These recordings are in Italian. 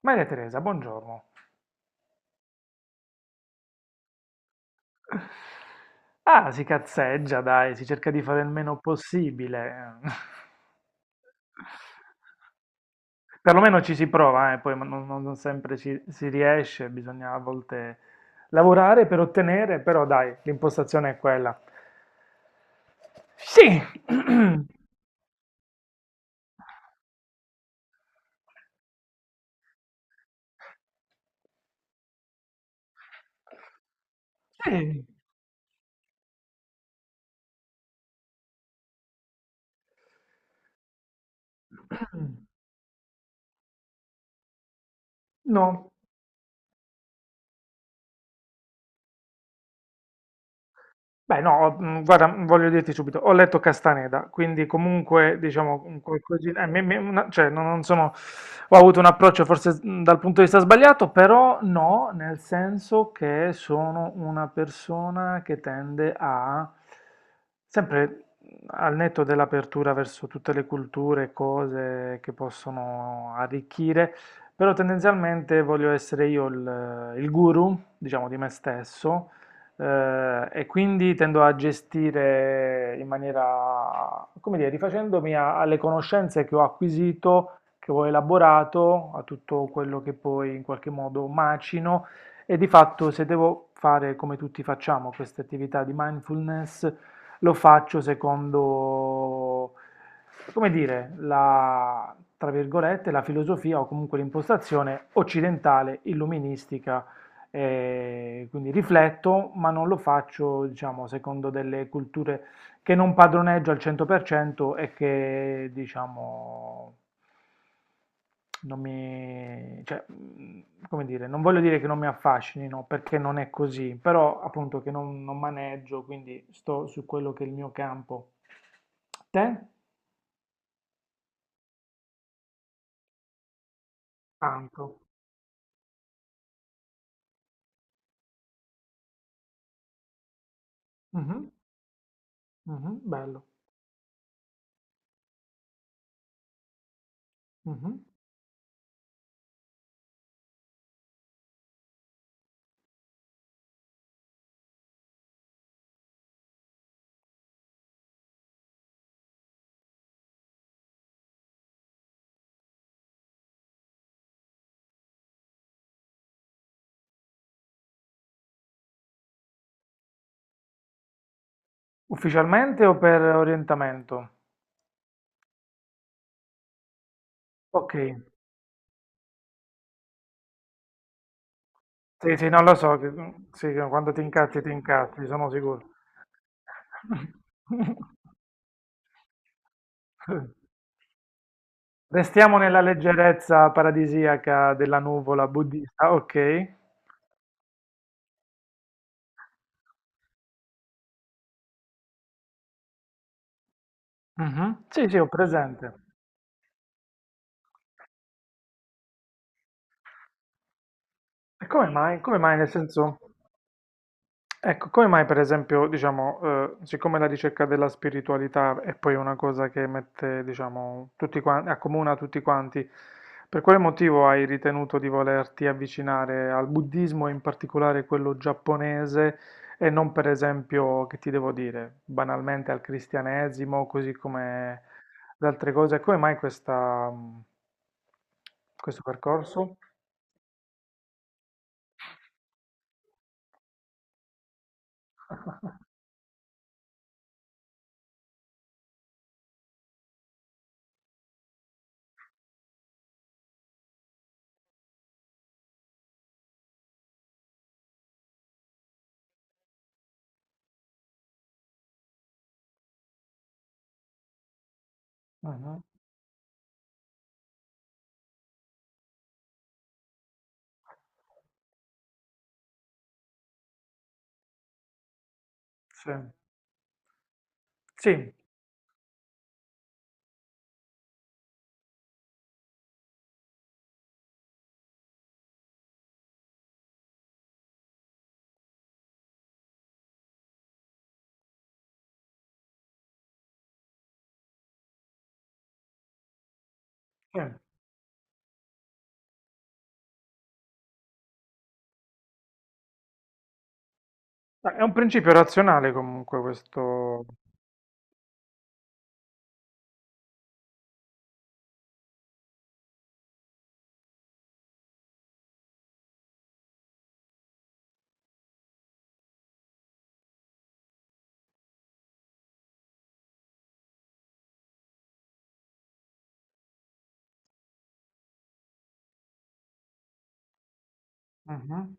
Maria Teresa, buongiorno. Ah, si cazzeggia, dai, si cerca di fare il meno possibile. Perlomeno ci si prova, poi ma non sempre ci, si riesce, bisogna a volte lavorare per ottenere, però dai, l'impostazione è quella. Sì. Sì. No. Beh, no, ho- guarda, voglio dirti subito, ho letto Castaneda, quindi comunque, diciamo, un qualcosina, cioè, non sono, ho avuto un approccio forse dal punto di vista sbagliato, però no, nel senso che sono una persona che tende a, sempre al netto dell'apertura verso tutte le culture, cose che possono arricchire, però tendenzialmente voglio essere io il guru, diciamo, di me stesso e quindi tendo a gestire in maniera, come dire, rifacendomi alle conoscenze che ho acquisito, che ho elaborato, a tutto quello che poi in qualche modo macino e di fatto se devo fare come tutti facciamo queste attività di mindfulness, lo faccio secondo, come dire, tra virgolette, la filosofia o comunque l'impostazione occidentale, illuministica, quindi rifletto, ma non lo faccio, diciamo, secondo delle culture che non padroneggio al 100% e che, diciamo, non mi, cioè, come dire, non voglio dire che non mi affascinino, perché non è così, però appunto che non maneggio, quindi sto su quello che è il mio campo. Te? Canto. Mhm, mhm, bello. Mhm. Ufficialmente o per orientamento? Ok. Sì, sì, non lo so, sì, che quando ti incazzi, sono sicuro. Restiamo nella leggerezza paradisiaca della nuvola buddista, ok? Mhm. Sì, sì, ho presente. E come mai? Come mai, nel senso? Ecco, come mai per esempio, diciamo, siccome la ricerca della spiritualità è poi una cosa che mette, diciamo, tutti quanti, accomuna tutti quanti, per quale motivo hai ritenuto di volerti avvicinare al buddismo, e in particolare quello giapponese, e non per esempio, che ti devo dire, banalmente al cristianesimo, così come ad altre cose? Come mai questa, questo percorso? Mhm. Sì, sì, sì. È un principio razionale comunque questo. Mhm.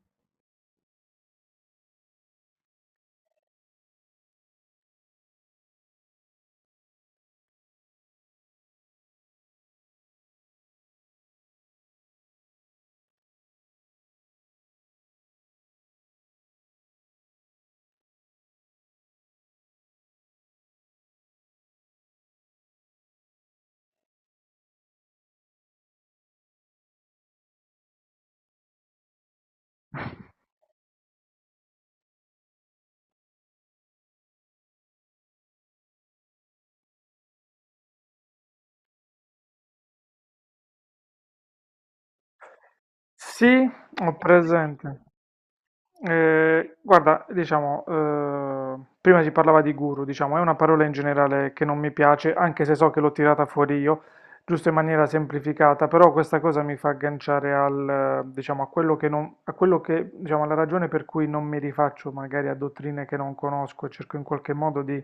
Sì, ho presente. Eh, guarda, diciamo, eh, prima si parlava di guru, diciamo, è una parola in generale che non mi piace, anche se so che l'ho tirata fuori io, giusto in maniera semplificata, però questa cosa mi fa agganciare diciamo, a quello che non, a quello che, diciamo, alla ragione per cui non mi rifaccio magari a dottrine che non conosco e cerco in qualche modo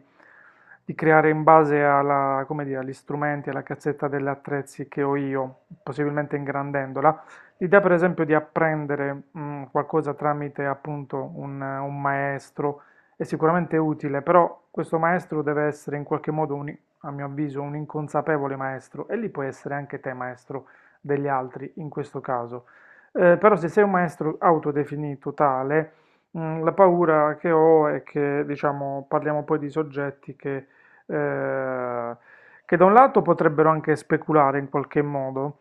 di creare in base alla, come dire, agli strumenti, alla cazzetta degli attrezzi che ho io, possibilmente ingrandendola. L'idea per esempio di apprendere qualcosa tramite appunto un maestro è sicuramente utile, però questo maestro deve essere in qualche modo, a mio avviso, un inconsapevole maestro e lì puoi essere anche te maestro degli altri in questo caso. Però se sei un maestro autodefinito tale, la paura che ho è che, diciamo, parliamo poi di soggetti eh, che da un lato potrebbero anche speculare in qualche modo,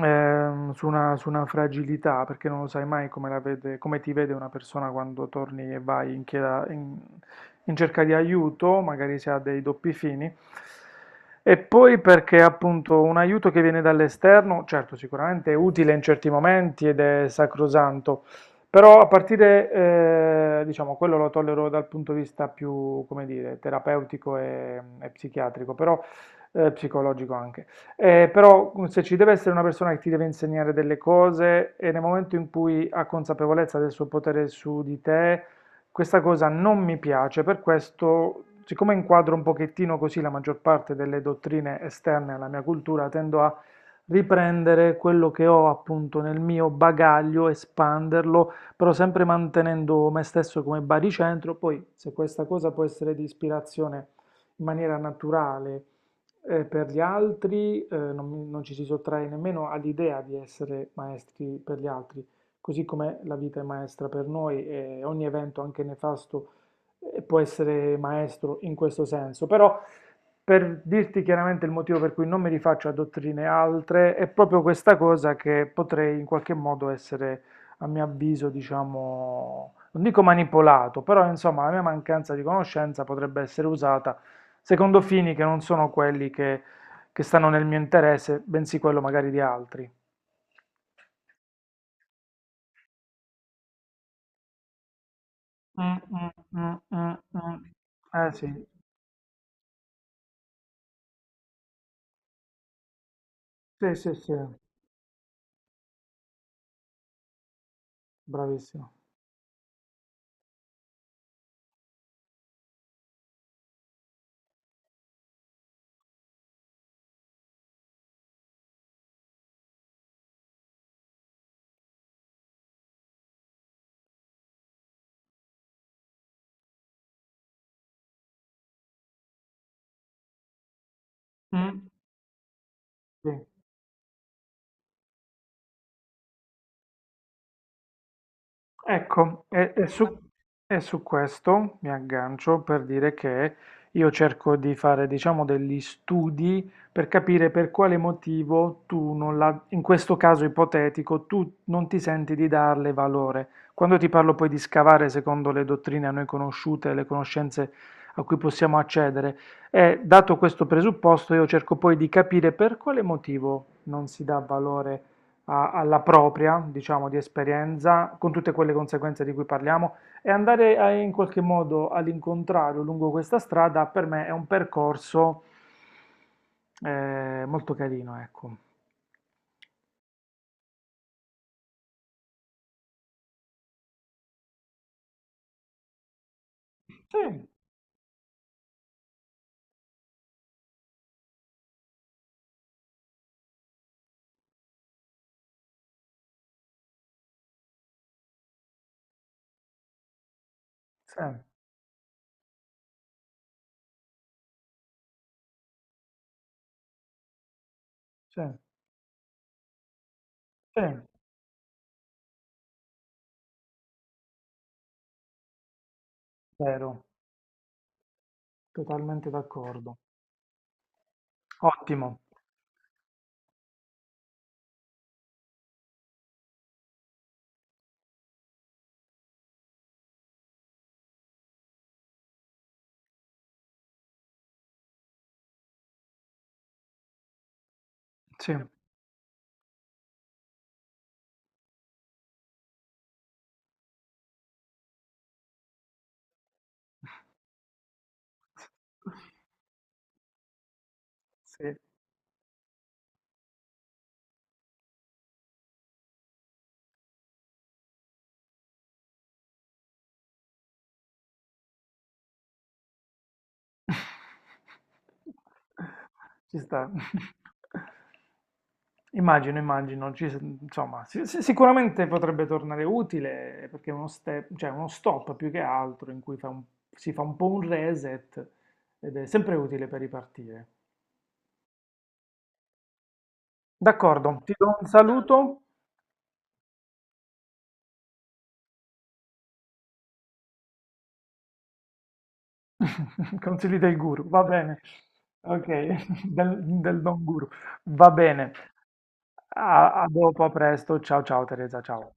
su una fragilità, perché non lo sai mai come la come ti vede una persona quando torni e vai in, in cerca di aiuto, magari si ha dei doppi fini. E poi perché appunto un aiuto che viene dall'esterno, certo, sicuramente è utile in certi momenti ed è sacrosanto, però a partire, diciamo, quello lo tollero dal punto di vista più, come dire, terapeutico e psichiatrico, però psicologico anche. Però se ci deve essere una persona che ti deve insegnare delle cose e nel momento in cui ha consapevolezza del suo potere su di te, questa cosa non mi piace, per questo, siccome inquadro un pochettino così la maggior parte delle dottrine esterne alla mia cultura, tendo a riprendere quello che ho appunto nel mio bagaglio, espanderlo, però sempre mantenendo me stesso come baricentro, poi se questa cosa può essere di ispirazione in maniera naturale per gli altri, non ci si sottrae nemmeno all'idea di essere maestri per gli altri, così come la vita è maestra per noi e ogni evento, anche nefasto, può essere maestro in questo senso. Però, per dirti chiaramente il motivo per cui non mi rifaccio a dottrine altre, è proprio questa cosa che potrei in qualche modo essere, a mio avviso, diciamo, non dico manipolato, però insomma la mia mancanza di conoscenza potrebbe essere usata secondo fini che non sono quelli che stanno nel mio interesse, bensì quello magari di altri. Mm, mm, mm, mm, mm. Eh sì, sì, sì, sì, bravissimo. Mm, sì. Ecco, e, e Ma- su, e su questo mi aggancio per dire che io cerco di fare, diciamo, degli studi per capire per quale motivo tu non la, in questo caso ipotetico, tu non ti senti di darle valore. Quando ti parlo poi di scavare secondo le dottrine a noi conosciute, le conoscenze a cui possiamo accedere, e dato questo presupposto, io cerco poi di capire per quale motivo non si dà valore alla propria, diciamo, di esperienza, con tutte quelle conseguenze di cui parliamo, e andare in qualche modo all'incontrario lungo questa strada, per me è un percorso molto carino, ecco. Sì, sì, sì, sì, vero, totalmente d'accordo. Ottimo, sì, sì. Ci sta. Immagino, immagino, insomma, sicuramente potrebbe tornare utile perché è uno step, cioè uno stop più che altro in cui si fa un po' un reset ed è sempre utile per ripartire. D'accordo, ti do un saluto. Consigli del guru, va bene. Ok, del don guru, va bene. A dopo, a presto. Ciao, ciao Teresa, ciao.